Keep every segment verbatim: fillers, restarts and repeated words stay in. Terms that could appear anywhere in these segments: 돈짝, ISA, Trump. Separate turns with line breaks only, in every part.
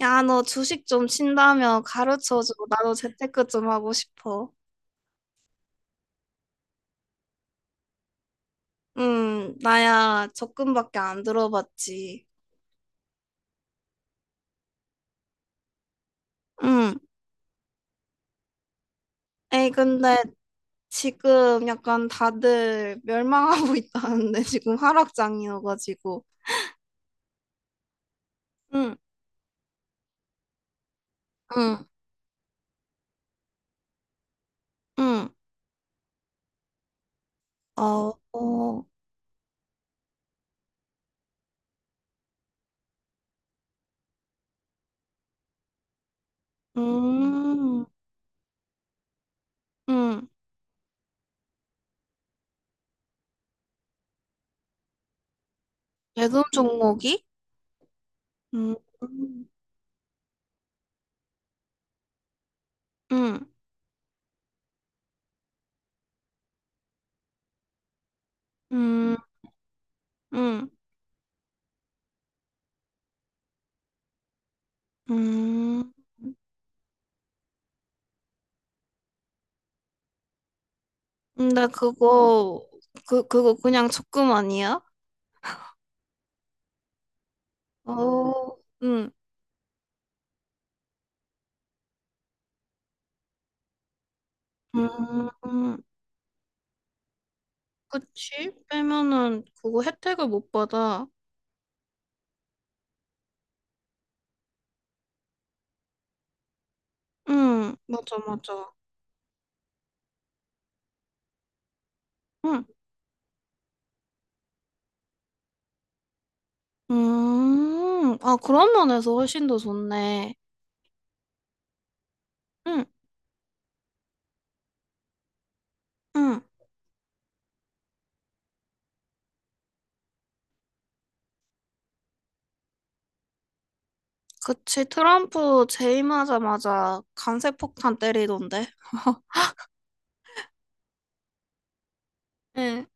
야, 너 주식 좀 친다며 가르쳐줘. 나도 재테크 좀 하고 싶어. 음, 나야 적금밖에 안 들어봤지. 음, 에이, 근데 지금 약간 다들 멸망하고 있다는데 지금 하락장이어가지고. 응, 응, 응. 어, 어, 음, 음. 예금 종목이? 음, 음, 음, 음, 음. 근데 그거, 그, 그거 그냥 적금 아니야? 어, 응, 음, 그치? 빼면은 그거 혜택을 못 받아. 응, 맞아, 맞아. 응, 음, 아, 그런 면에서 훨씬 더 좋네. 응, 응, 그치. 트럼프 재임하자마자 강세폭탄 때리던데. 응,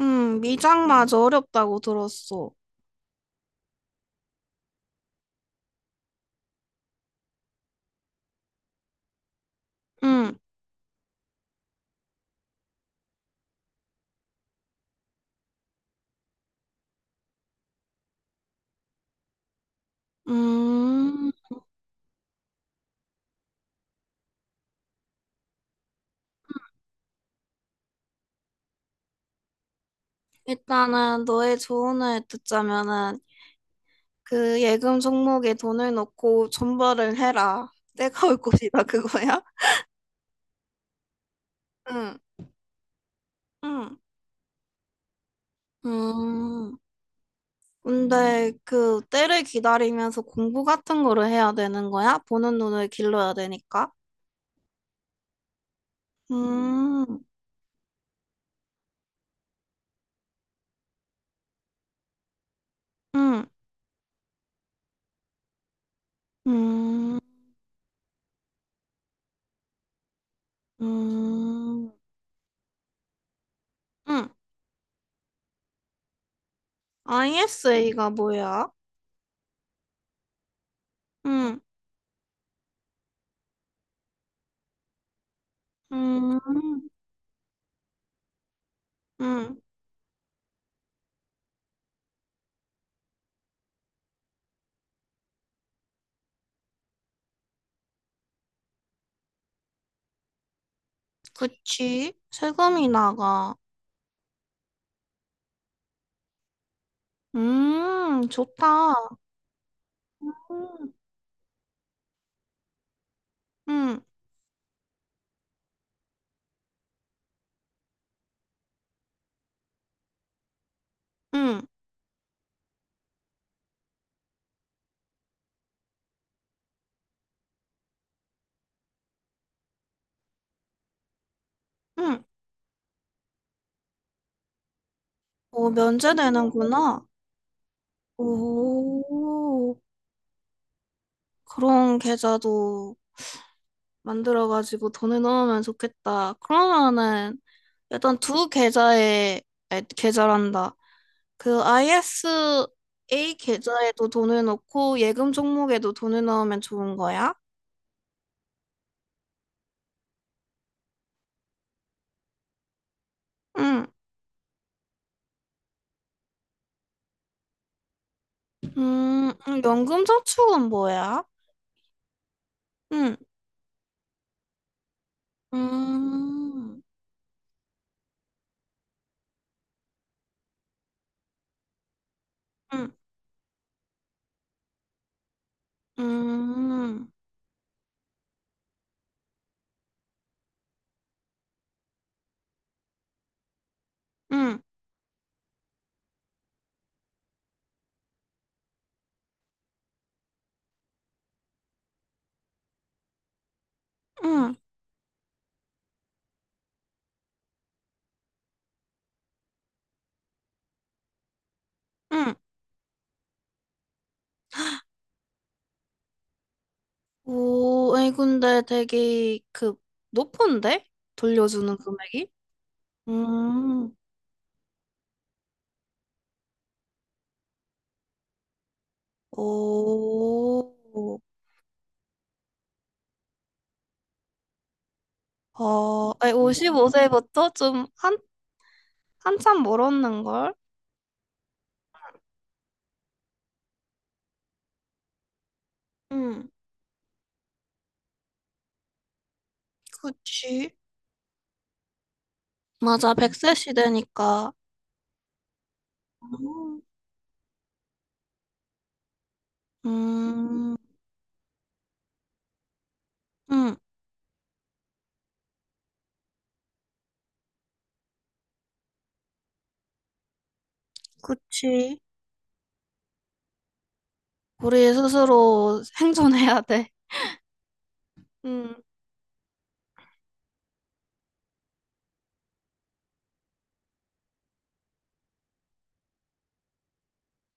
응, 미장마저 어렵다고 들었어. 응, 음, 일단은 너의 조언을 듣자면은 그 예금 종목에 돈을 넣고 존버를 해라. 때가 올 것이다, 그거야? 응, 응. 음, 근데 그 때를 기다리면서 공부 같은 거를 해야 되는 거야? 보는 눈을 길러야 되니까? 음, 음, 음, 음, 음. 아이에스에이가 뭐야? 음, 음, 음. 그치. 세금이 나가. 음, 좋다. 음, 음, 음. 음. 어, 면제 되는구나. 오, 그런 계좌도 만들어가지고 돈을 넣으면 좋겠다. 그러면은 일단 두 계좌에, 아니, 계좌란다. 그 아이에스에이 계좌에도 돈을 넣고 예금 종목에도 돈을 넣으면 좋은 거야? 응, 음, 음, 연금 저축은 뭐야? 응, 음, 음, 음, 음, 음, 음. 오, 아니, 근데 되게 그 높은데? 돌려주는 금액이? 음, 오, 아, 아니, 십오 세부터 좀 한, 한참 멀었는걸? 응. 그치. 맞아, 백세 시대니까. 어. 음, 음, 그치. 우리 스스로 생존해야 돼. 음,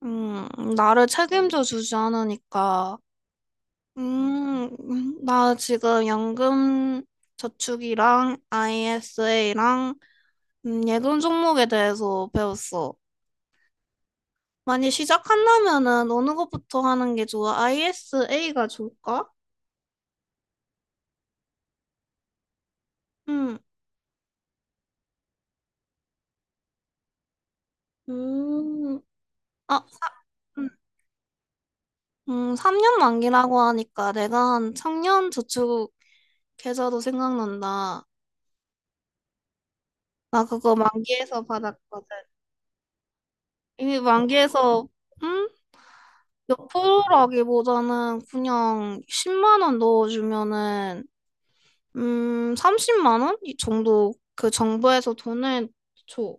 음, 나를 책임져 주지 않으니까. 음, 음, 나 지금 연금 저축이랑 아이에스에이랑 음, 예금 종목에 대해서 배웠어. 만약 시작한다면은 어느 것부터 하는 게 좋아? 아이에스에이가 좋을까? 음, 음, 아, 음, 음, 삼 년 만기라고 하니까 내가 한 청년 저축 계좌도 생각난다. 나 그거 만기에서 받았거든. 이미 만기에서, 음, 몇 프로라기보다는 그냥 십만 원 넣어주면은 음 삼십만 원? 이 정도 그 정부에서 돈을 줘.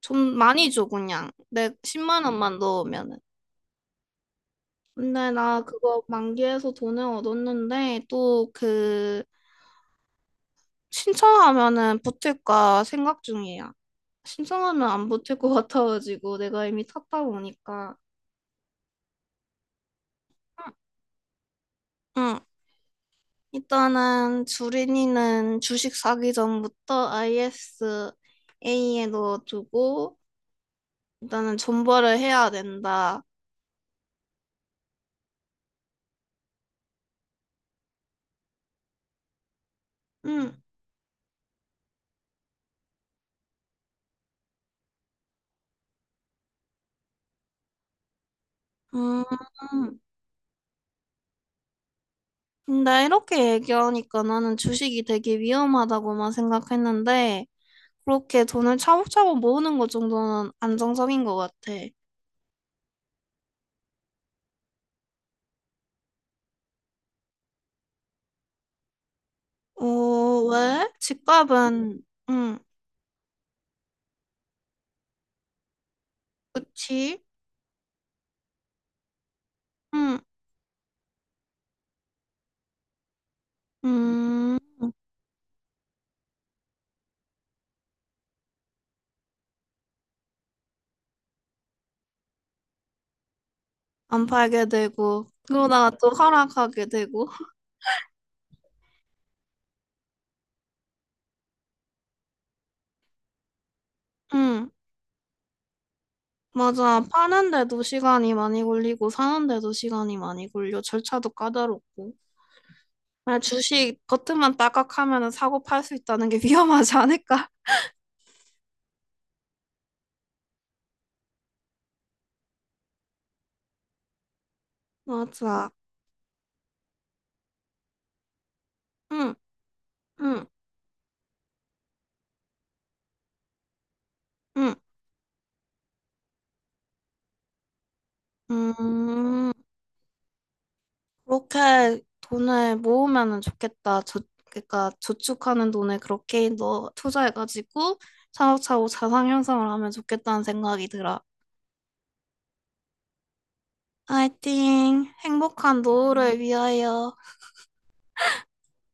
좀 많이 줘 그냥. 내 십만 원만 넣으면은. 근데 나 그거 만기해서 돈을 얻었는데 또 그 신청하면은 붙을까 생각 중이야. 신청하면 안 붙을 것 같아가지고 내가 이미 탔다 보니까. 응. 응. 일단은 주린이는 주식 사기 전부터 아이에스에이에 넣어두고 일단은 존버를 해야 된다. 응, 음, 나 이렇게 얘기하니까 나는 주식이 되게 위험하다고만 생각했는데 그렇게 돈을 차곡차곡 모으는 것 정도는 안정적인 것 같아. 어, 왜? 집값은 응, 그치? 응, 음, 안 팔게 되고 그러다가 또 하락하게 되고. 응. 맞아. 파는데도 시간이 많이 걸리고, 사는데도 시간이 많이 걸려. 절차도 까다롭고. 만약 주식 겉으만 딱딱 하면 사고 팔 수 있다는 게 위험하지 않을까? 맞아. 응, 응, 응, 음. 그렇게 돈을 모으면 좋겠다. 저, 그러니까 저축하는 돈을 그렇게 넣 투자해가지고 차곡차곡 자산 형성을 하면 좋겠다는 생각이 들어. 화이팅! 행복한 노후를 위하여.